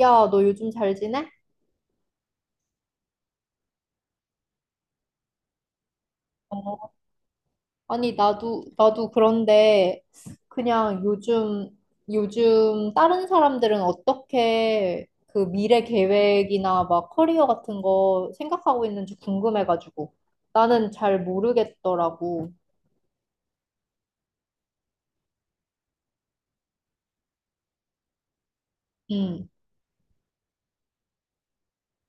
야, 너 요즘 잘 지내? 어, 아니, 나도 그런데 그냥 요즘 다른 사람들은 어떻게 그 미래 계획이나 막 커리어 같은 거 생각하고 있는지 궁금해가지고. 나는 잘 모르겠더라고. 응,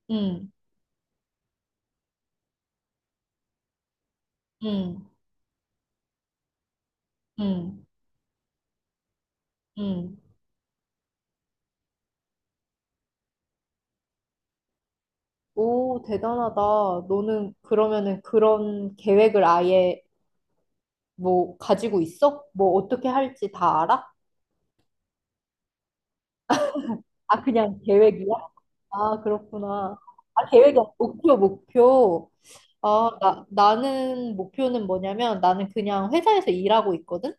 응, 응, 응, 응. 오, 대단하다. 너는 그러면은 그런 계획을 아예 뭐 가지고 있어? 뭐 어떻게 할지 다 알아? 아, 그냥 계획이야? 아, 그렇구나. 아, 계획이 아니라 목표, 목표. 아, 나는 목표는 뭐냐면 나는 그냥 회사에서 일하고 있거든?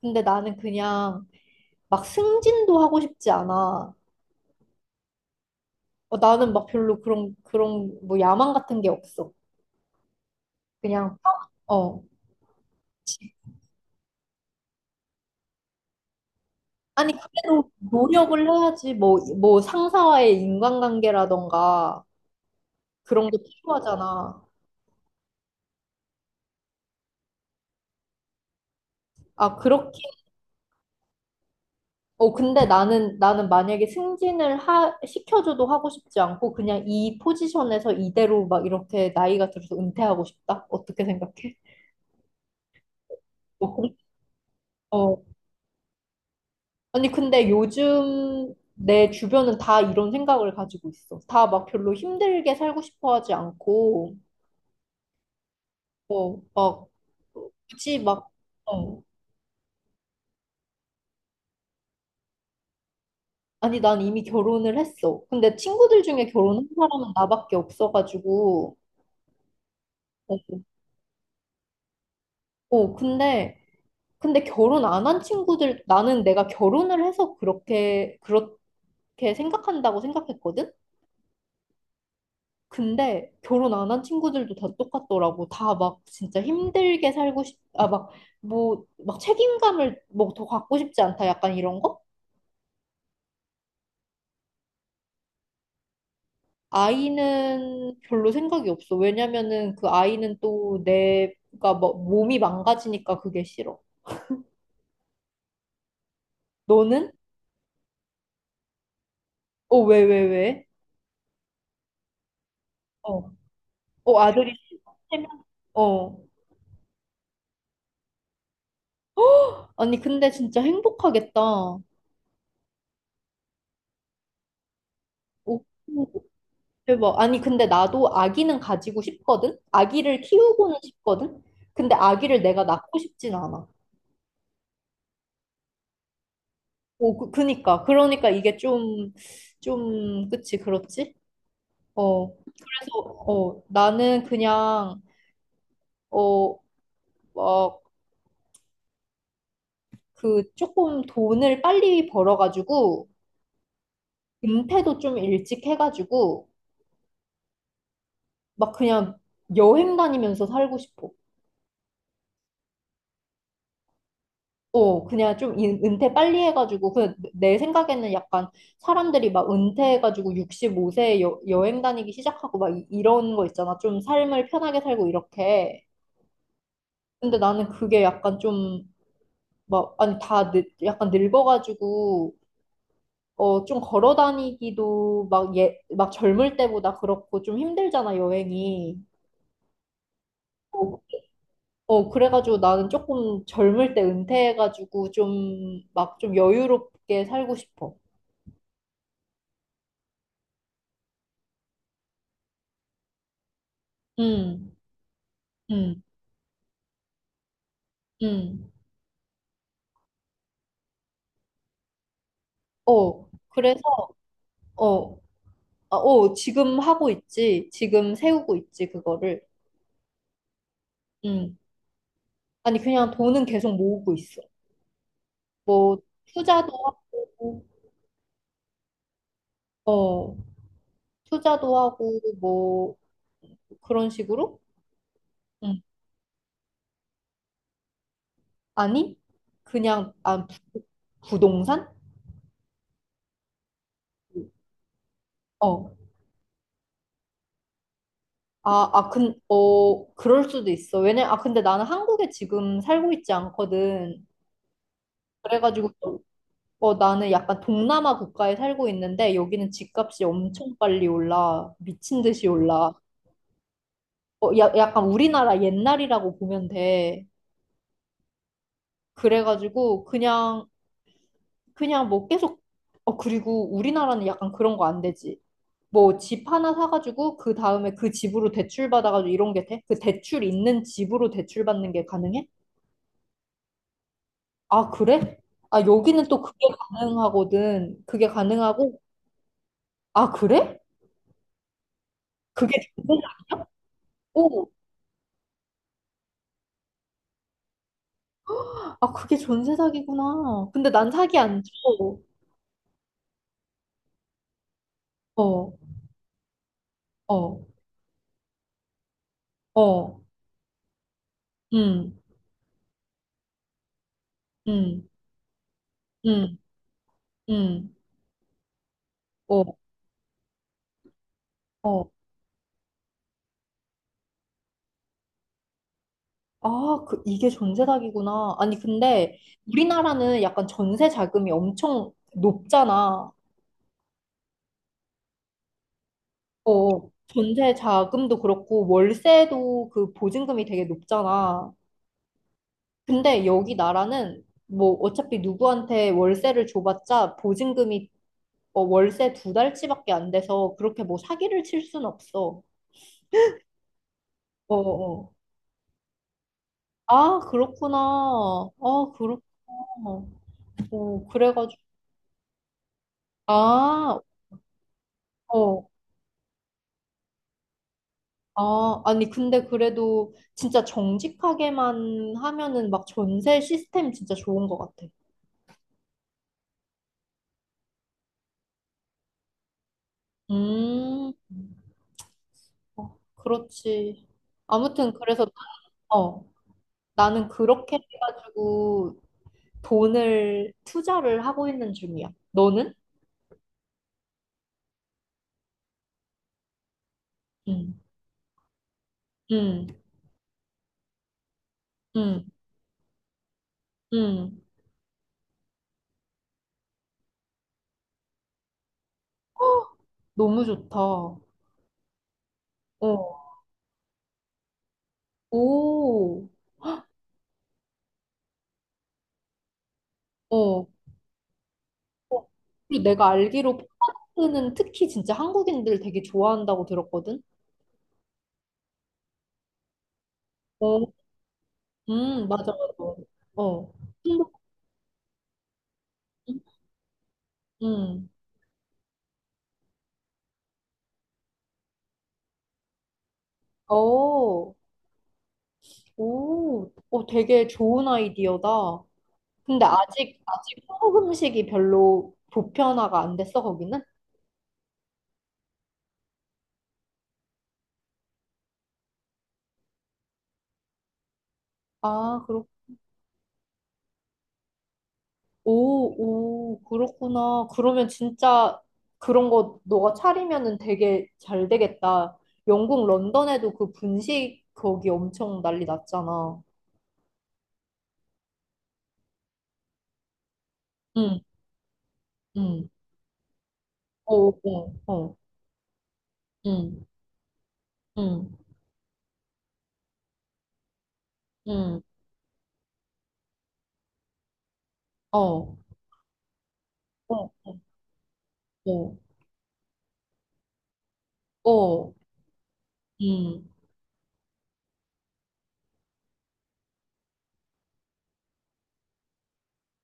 근데 나는 그냥 막 승진도 하고 싶지 않아. 어, 나는 막 별로 그런 뭐 야망 같은 게 없어. 그냥, 어. 아니, 그래도 노력을 해야지. 뭐 상사와의 인간관계라던가 그런 게 필요하잖아. 아, 그렇, 어, 근데 나는 만약에 시켜줘도 하고 싶지 않고, 그냥 이 포지션에서 이대로 막 이렇게 나이가 들어서 은퇴하고 싶다? 어떻게 생각해? 어, 공- 어. 아니, 근데 요즘 내 주변은 다 이런 생각을 가지고 있어. 다 막 별로 힘들게 살고 싶어 하지 않고, 어, 막, 굳이 막, 어. 아니, 난 이미 결혼을 했어. 근데 친구들 중에 결혼한 사람은 나밖에 없어가지고, 어, 어, 근데 결혼 안 한 친구들, 나는 내가 결혼을 해서 그렇게 생각한다고 생각했거든? 근데 결혼 안 한 친구들도 다 똑같더라고. 다 막 진짜 힘들게 살고 싶, 아, 막, 뭐, 막 책임감을 뭐 더 갖고 싶지 않다. 약간 이런 거? 아이는 별로 생각이 없어. 왜냐면은 그 아이는 또 내가 뭐 몸이 망가지니까 그게 싫어. 너는? 어, 왜? 어, 어, 아들이 세 명? 어. 아니, 근데 진짜 행복하겠다. 오, 대박. 아니, 근데 나도 아기는 가지고 싶거든? 아기를 키우고는 싶거든? 근데 아기를 내가 낳고 싶진 않아. 오, 그니까. 그러니까 이게 좀, 좀, 그치, 그렇지? 어. 그래서, 어, 나는 그냥, 어, 막, 그, 조금 돈을 빨리 벌어가지고, 은퇴도 좀 일찍 해가지고, 막 그냥 여행 다니면서 살고 싶어. 어, 은퇴 빨리 해가지고, 그, 내 생각에는 약간 사람들이 막 은퇴해가지고 65세에 여행 다니기 시작하고 이런 거 있잖아. 좀 삶을 편하게 살고 이렇게. 근데 나는 그게 약간 좀, 막, 아니, 약간 늙어가지고, 어, 좀 걸어 다니기도 막 젊을 때보다 그렇고 좀 힘들잖아, 여행이. 어, 어, 그래가지고 나는 조금 젊을 때 은퇴해가지고 좀, 막 좀 여유롭게 살고 싶어. 음. 음. 음. 어, 그래서, 어, 어, 지금 하고 있지. 지금 세우고 있지, 그거를. 음. 아니, 그냥 돈은 계속 모으고 있어. 뭐, 투자도 하고, 어, 투자도 하고, 뭐, 그런 식으로? 음. 아니, 그냥, 아, 부, 부동산? 어. 어, 그럴 수도 있어. 아, 근데 나는 한국에 지금 살고 있지 않거든. 그래가지고 어, 나는 약간 동남아 국가에 살고 있는데 여기는 집값이 엄청 빨리 올라. 미친 듯이 올라. 어, 약간 우리나라 옛날이라고 보면 돼. 그래가지고 그냥 그냥 뭐 계속 어 그리고 우리나라는 약간 그런 거 안 되지. 뭐 집 하나 사가지고 그 다음에 그 집으로 대출 받아가지고 이런 게 돼? 그 대출 있는 집으로 대출 받는 게 가능해? 아 그래? 아 여기는 또 그게 가능하거든. 그게 가능하고 아 그래? 그게 가능하고 아, 그게 전세 사기구나. 근데 난 사기 안 줘. 어, 어, 어, 음, 음, 음, 음, 어, 어. 아, 그, 이게 전세 사기구나. 아니, 근데 우리나라는 약간 전세 자금이 엄청 높잖아. 어, 전세 자금도 그렇고, 월세도 그 보증금이 되게 높잖아. 근데 여기 나라는 뭐 어차피 누구한테 월세를 줘봤자 보증금이 어, 월세 두 달치밖에 안 돼서 그렇게 뭐 사기를 칠 순 없어. 어, 어. 아, 그렇구나. 아, 그렇구나. 오, 그래가지고. 아, 어. 아, 아니, 근데 그래도 진짜 정직하게만 하면은 막 전세 시스템 진짜 좋은 것 같아. 음, 어, 그렇지. 아무튼, 그래서, 어, 나는 그렇게 해가지고 돈을 투자를 하고 있는 중이야. 너는? 응, 응, 응, 응. 너무 좋다. 어. 오. 어. 어. 그리고 내가 알기로 포크는 특히 진짜 한국인들 되게 좋아한다고 들었거든. 어. 맞아, 맞아. 어. 행복. 음. 어. 오. 어, 되게 좋은 아이디어다. 근데 아직 아직 한국 음식이 별로 보편화가 안 됐어, 거기는? 아, 그렇구나. 오, 오, 그렇구나. 그러면 진짜 그런 거 너가 차리면은 되게 잘 되겠다. 영국 런던에도 그 분식 거기 엄청 난리 났잖아. 응, 응. 어, 어, 어. 응, 응, 응. 응. 어, 어, 어, 어. 응,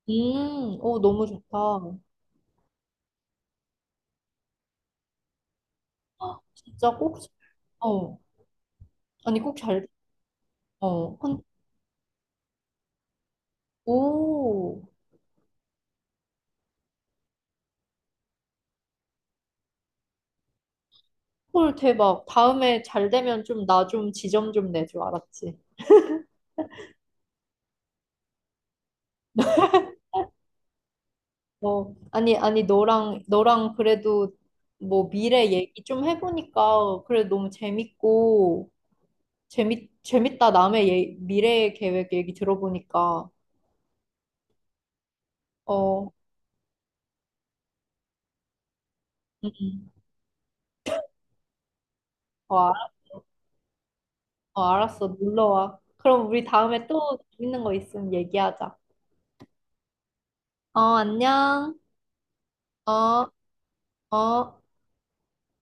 어, 너무 좋다. 아, 진짜 꼭, 어. 아니, 꼭 잘, 어. 혼- 오. 헐, 대박. 다음에 잘 되면 좀 나 좀 지점 좀 내줘, 알았지? 어, 아니, 아니, 너랑 그래도 뭐 미래 얘기 좀 해보니까 그래 너무 재밌고, 재밌다. 남의 미래 계획 얘기 들어보니까. 어, 음, 음. 어, 알- 어, 알았어. 놀러 와. 그럼 우리 다음에 또 재밌는 거 있으면 얘기하자. 어, 안녕. 어, 어.